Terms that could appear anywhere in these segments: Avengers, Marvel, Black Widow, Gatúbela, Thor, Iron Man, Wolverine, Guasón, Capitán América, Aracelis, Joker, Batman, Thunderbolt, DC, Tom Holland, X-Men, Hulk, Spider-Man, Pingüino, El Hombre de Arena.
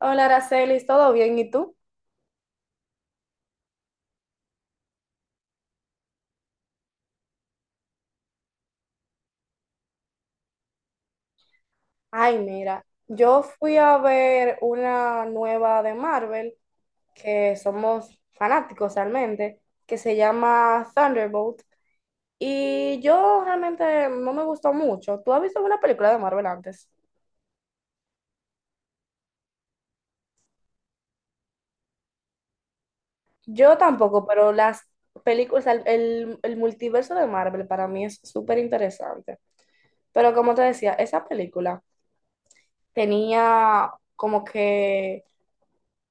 Hola, Aracelis, ¿todo bien? ¿Y tú? Ay, mira, yo fui a ver una nueva de Marvel, que somos fanáticos realmente, que se llama Thunderbolt, y yo realmente no me gustó mucho. ¿Tú has visto una película de Marvel antes? Yo tampoco, pero las películas, el multiverso de Marvel para mí es súper interesante. Pero como te decía, esa película tenía como que,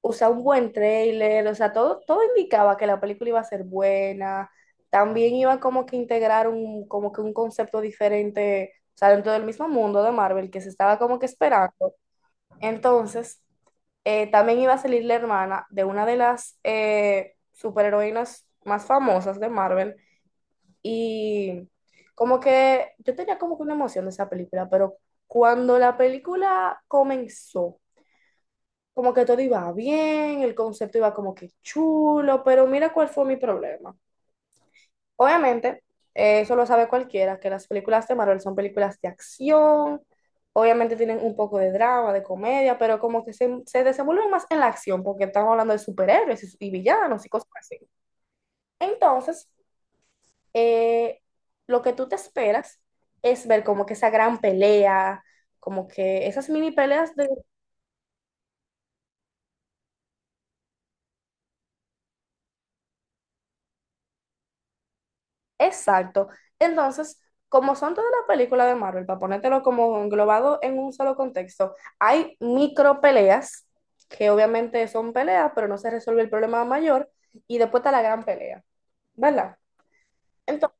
o sea, un buen trailer, o sea, todo indicaba que la película iba a ser buena, también iba como que integrar como que un concepto diferente, o sea, dentro del mismo mundo de Marvel que se estaba como que esperando. Entonces, también iba a salir la hermana de una de las superheroínas más famosas de Marvel, y como que yo tenía como que una emoción de esa película, pero cuando la película comenzó, como que todo iba bien, el concepto iba como que chulo, pero mira cuál fue mi problema. Obviamente, eso lo sabe cualquiera, que las películas de Marvel son películas de acción, obviamente tienen un poco de drama, de comedia, pero como que se desenvuelven más en la acción, porque estamos hablando de superhéroes y villanos y cosas así. Entonces, eh, lo que tú te esperas es ver como que esa gran pelea, como que esas mini peleas de. Exacto. Entonces, como son todas las películas de Marvel, para ponértelo como englobado en un solo contexto, hay micro peleas, que obviamente son peleas, pero no se resuelve el problema mayor, y después está la gran pelea, ¿verdad? Entonces,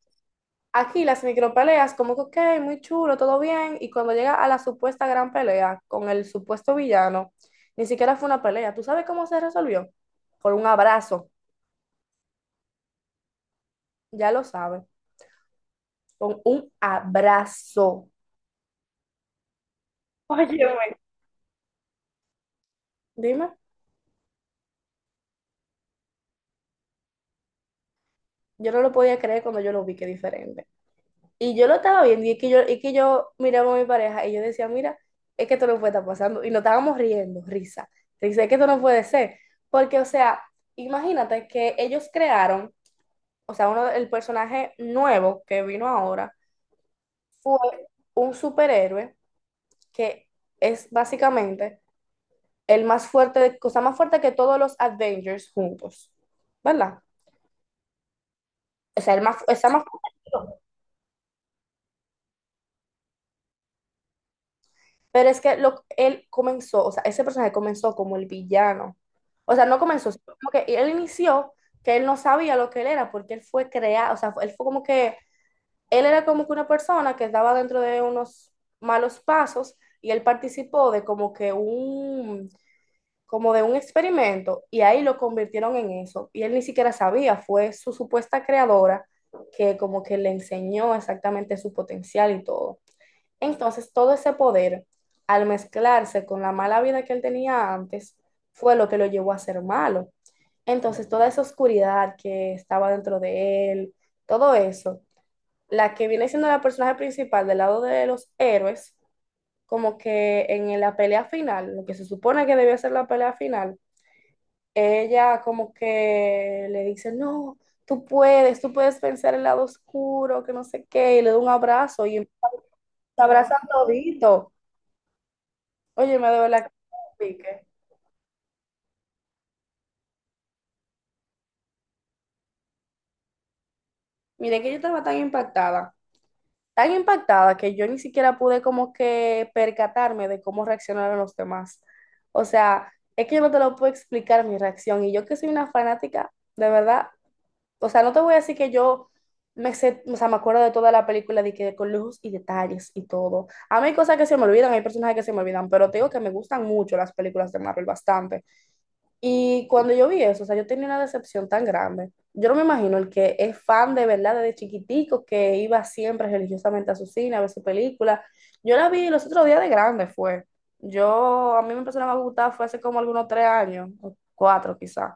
aquí las micro peleas, como que, ok, muy chulo, todo bien, y cuando llega a la supuesta gran pelea con el supuesto villano, ni siquiera fue una pelea. ¿Tú sabes cómo se resolvió? Con un abrazo, ya lo sabes, con un abrazo. Óyeme. Dime. Yo no lo podía creer cuando yo lo vi, que diferente. Y yo lo estaba viendo y es que yo miraba a mi pareja y yo decía, mira, es que esto no puede estar pasando. Y nos estábamos riendo, risa. Dice, es que esto no puede ser. Porque, o sea, imagínate que ellos crearon, o sea, uno, el personaje nuevo que vino ahora fue un superhéroe que es básicamente el más fuerte, cosa más fuerte que todos los Avengers juntos, ¿verdad? O sea, el más, está más fuerte. Pero es que él comenzó, o sea, ese personaje comenzó como el villano. O sea, no comenzó, sino como que él inició, que él no sabía lo que él era porque él fue creado, o sea, él fue como que, él era como que una persona que estaba dentro de unos malos pasos y él participó de como que un, como de un experimento y ahí lo convirtieron en eso. Y él ni siquiera sabía, fue su supuesta creadora que como que le enseñó exactamente su potencial y todo. Entonces, todo ese poder, al mezclarse con la mala vida que él tenía antes, fue lo que lo llevó a ser malo. Entonces, toda esa oscuridad que estaba dentro de él, todo eso, la que viene siendo la personaje principal del lado de los héroes, como que en la pelea final, lo que se supone que debió ser la pelea final, ella como que le dice, no, tú puedes vencer el lado oscuro, que no sé qué, y le da un abrazo y se abrazan todito. Oye, me de la pique. Mire que yo estaba tan impactada que yo ni siquiera pude como que percatarme de cómo reaccionaron los demás. O sea, es que yo no te lo puedo explicar mi reacción. Y yo que soy una fanática, de verdad. O sea, no te voy a decir que yo me sé, o sea, me acuerdo de toda la película, de que con lujos y detalles y todo. A mí hay cosas que se me olvidan, hay personajes que se me olvidan, pero te digo que me gustan mucho las películas de Marvel, bastante. Y cuando yo vi eso, o sea, yo tenía una decepción tan grande. Yo no me imagino el que es fan de verdad desde chiquitico, que iba siempre religiosamente a su cine a ver su película. Yo la vi los otros días de grande, fue. Yo, a mí me empezaron a gustar, fue hace como algunos 3 años, o 4 quizás.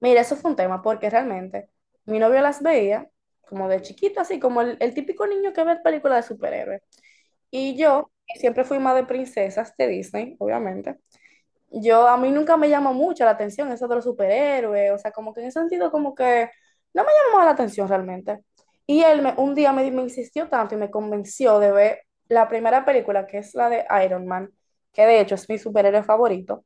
Mira, eso fue un tema, porque realmente mi novio las veía como de chiquito, así como el típico niño que ve películas de superhéroes. Y yo que siempre fui más de princesas de Disney, obviamente. Yo a mí nunca me llama mucho la atención eso de los superhéroes, o sea, como que en ese sentido, como que no me llamó la atención realmente. Y él un día me insistió tanto y me convenció de ver la primera película, que es la de Iron Man, que de hecho es mi superhéroe favorito.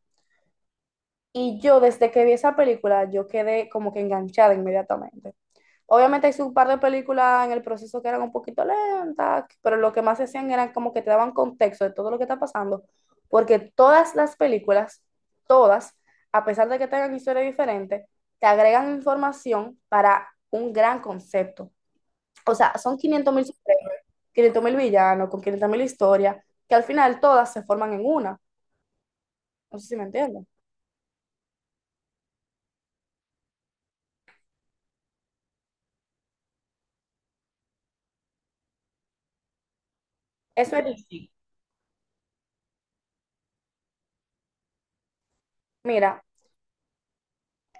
Y yo desde que vi esa película, yo quedé como que enganchada inmediatamente. Obviamente hay un par de películas en el proceso que eran un poquito lentas, pero lo que más hacían era como que te daban contexto de todo lo que está pasando, porque todas las películas, todas, a pesar de que tengan historias diferentes, te agregan información para un gran concepto. O sea, son 500 mil villanos, con 500 mil historias, que al final todas se forman en una. No sé si me entienden. Eso es D C. Mira,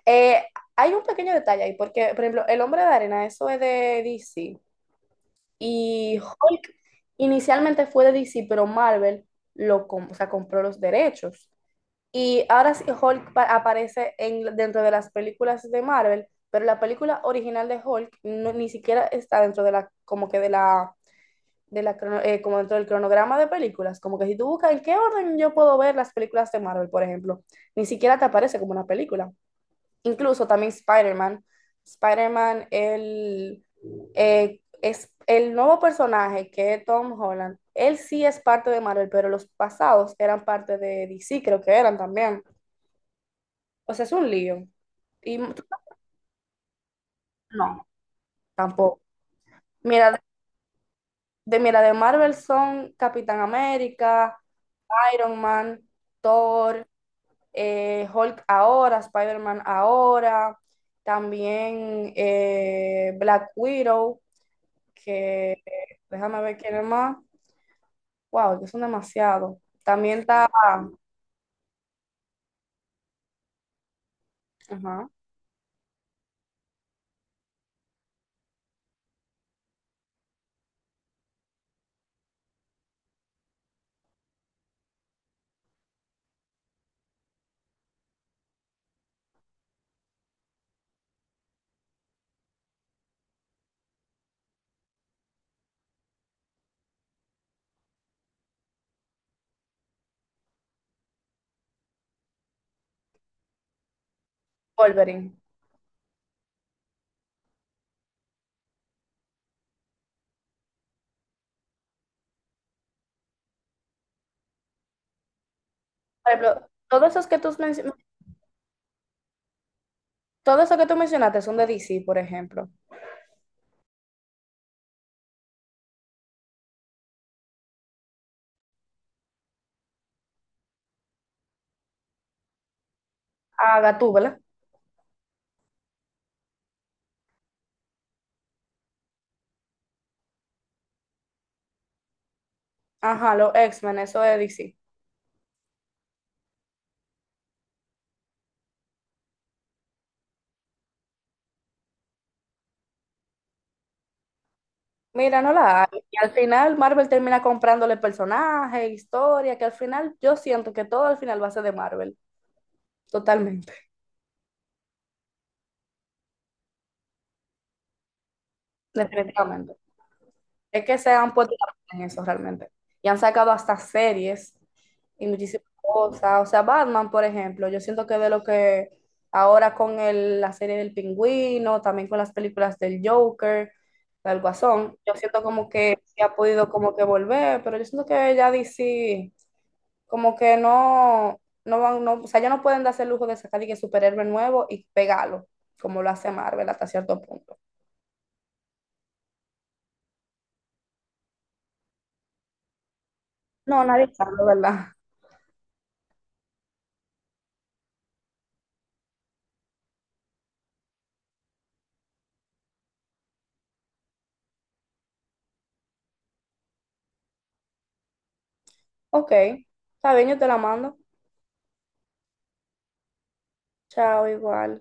eh, hay un pequeño detalle ahí, porque, por ejemplo, El Hombre de Arena, eso es de DC. Y Hulk inicialmente fue de DC, pero Marvel lo o sea, compró los derechos. Y ahora sí Hulk aparece en, dentro de las películas de Marvel, pero la película original de Hulk ni siquiera está dentro de la, como que de la, como dentro del cronograma de películas. Como que si tú buscas en qué orden yo puedo ver las películas de Marvel, por ejemplo, ni siquiera te aparece como una película, incluso también Spider-Man. Spider-Man, el, es el nuevo personaje que es Tom Holland. Él sí es parte de Marvel, pero los pasados eran parte de DC, creo que eran también. O sea, es un lío. Y m- no, tampoco. Mira, mira, de Marvel son Capitán América, Iron Man, Thor, Hulk ahora, Spider-Man ahora, también Black Widow, que déjame ver quién es más. Wow, que son demasiados. También está. Ajá. Wolverine. Por ejemplo, todo eso que tú mencionaste son de DC, por ejemplo. A Gatúbela. Ajá, los X-Men, eso de DC. Mira, no la hay. Y al final Marvel termina comprándole personajes, historia, que al final yo siento que todo al final va a ser de Marvel. Totalmente, definitivamente. Es que se han puesto en eso realmente. Y han sacado hasta series y muchísimas cosas. O sea, Batman, por ejemplo, yo siento que de lo que ahora con la serie del Pingüino, también con las películas del Joker, del Guasón, yo siento como que sí ha podido como que volver, pero yo siento que ya DC como que no, no van, no, o sea, ya no pueden darse el lujo de sacar y que superhéroe nuevo y pegarlo, como lo hace Marvel hasta cierto punto. No, nadie sabe, ¿verdad? Ok, está bien, yo te la mando. Chao, igual.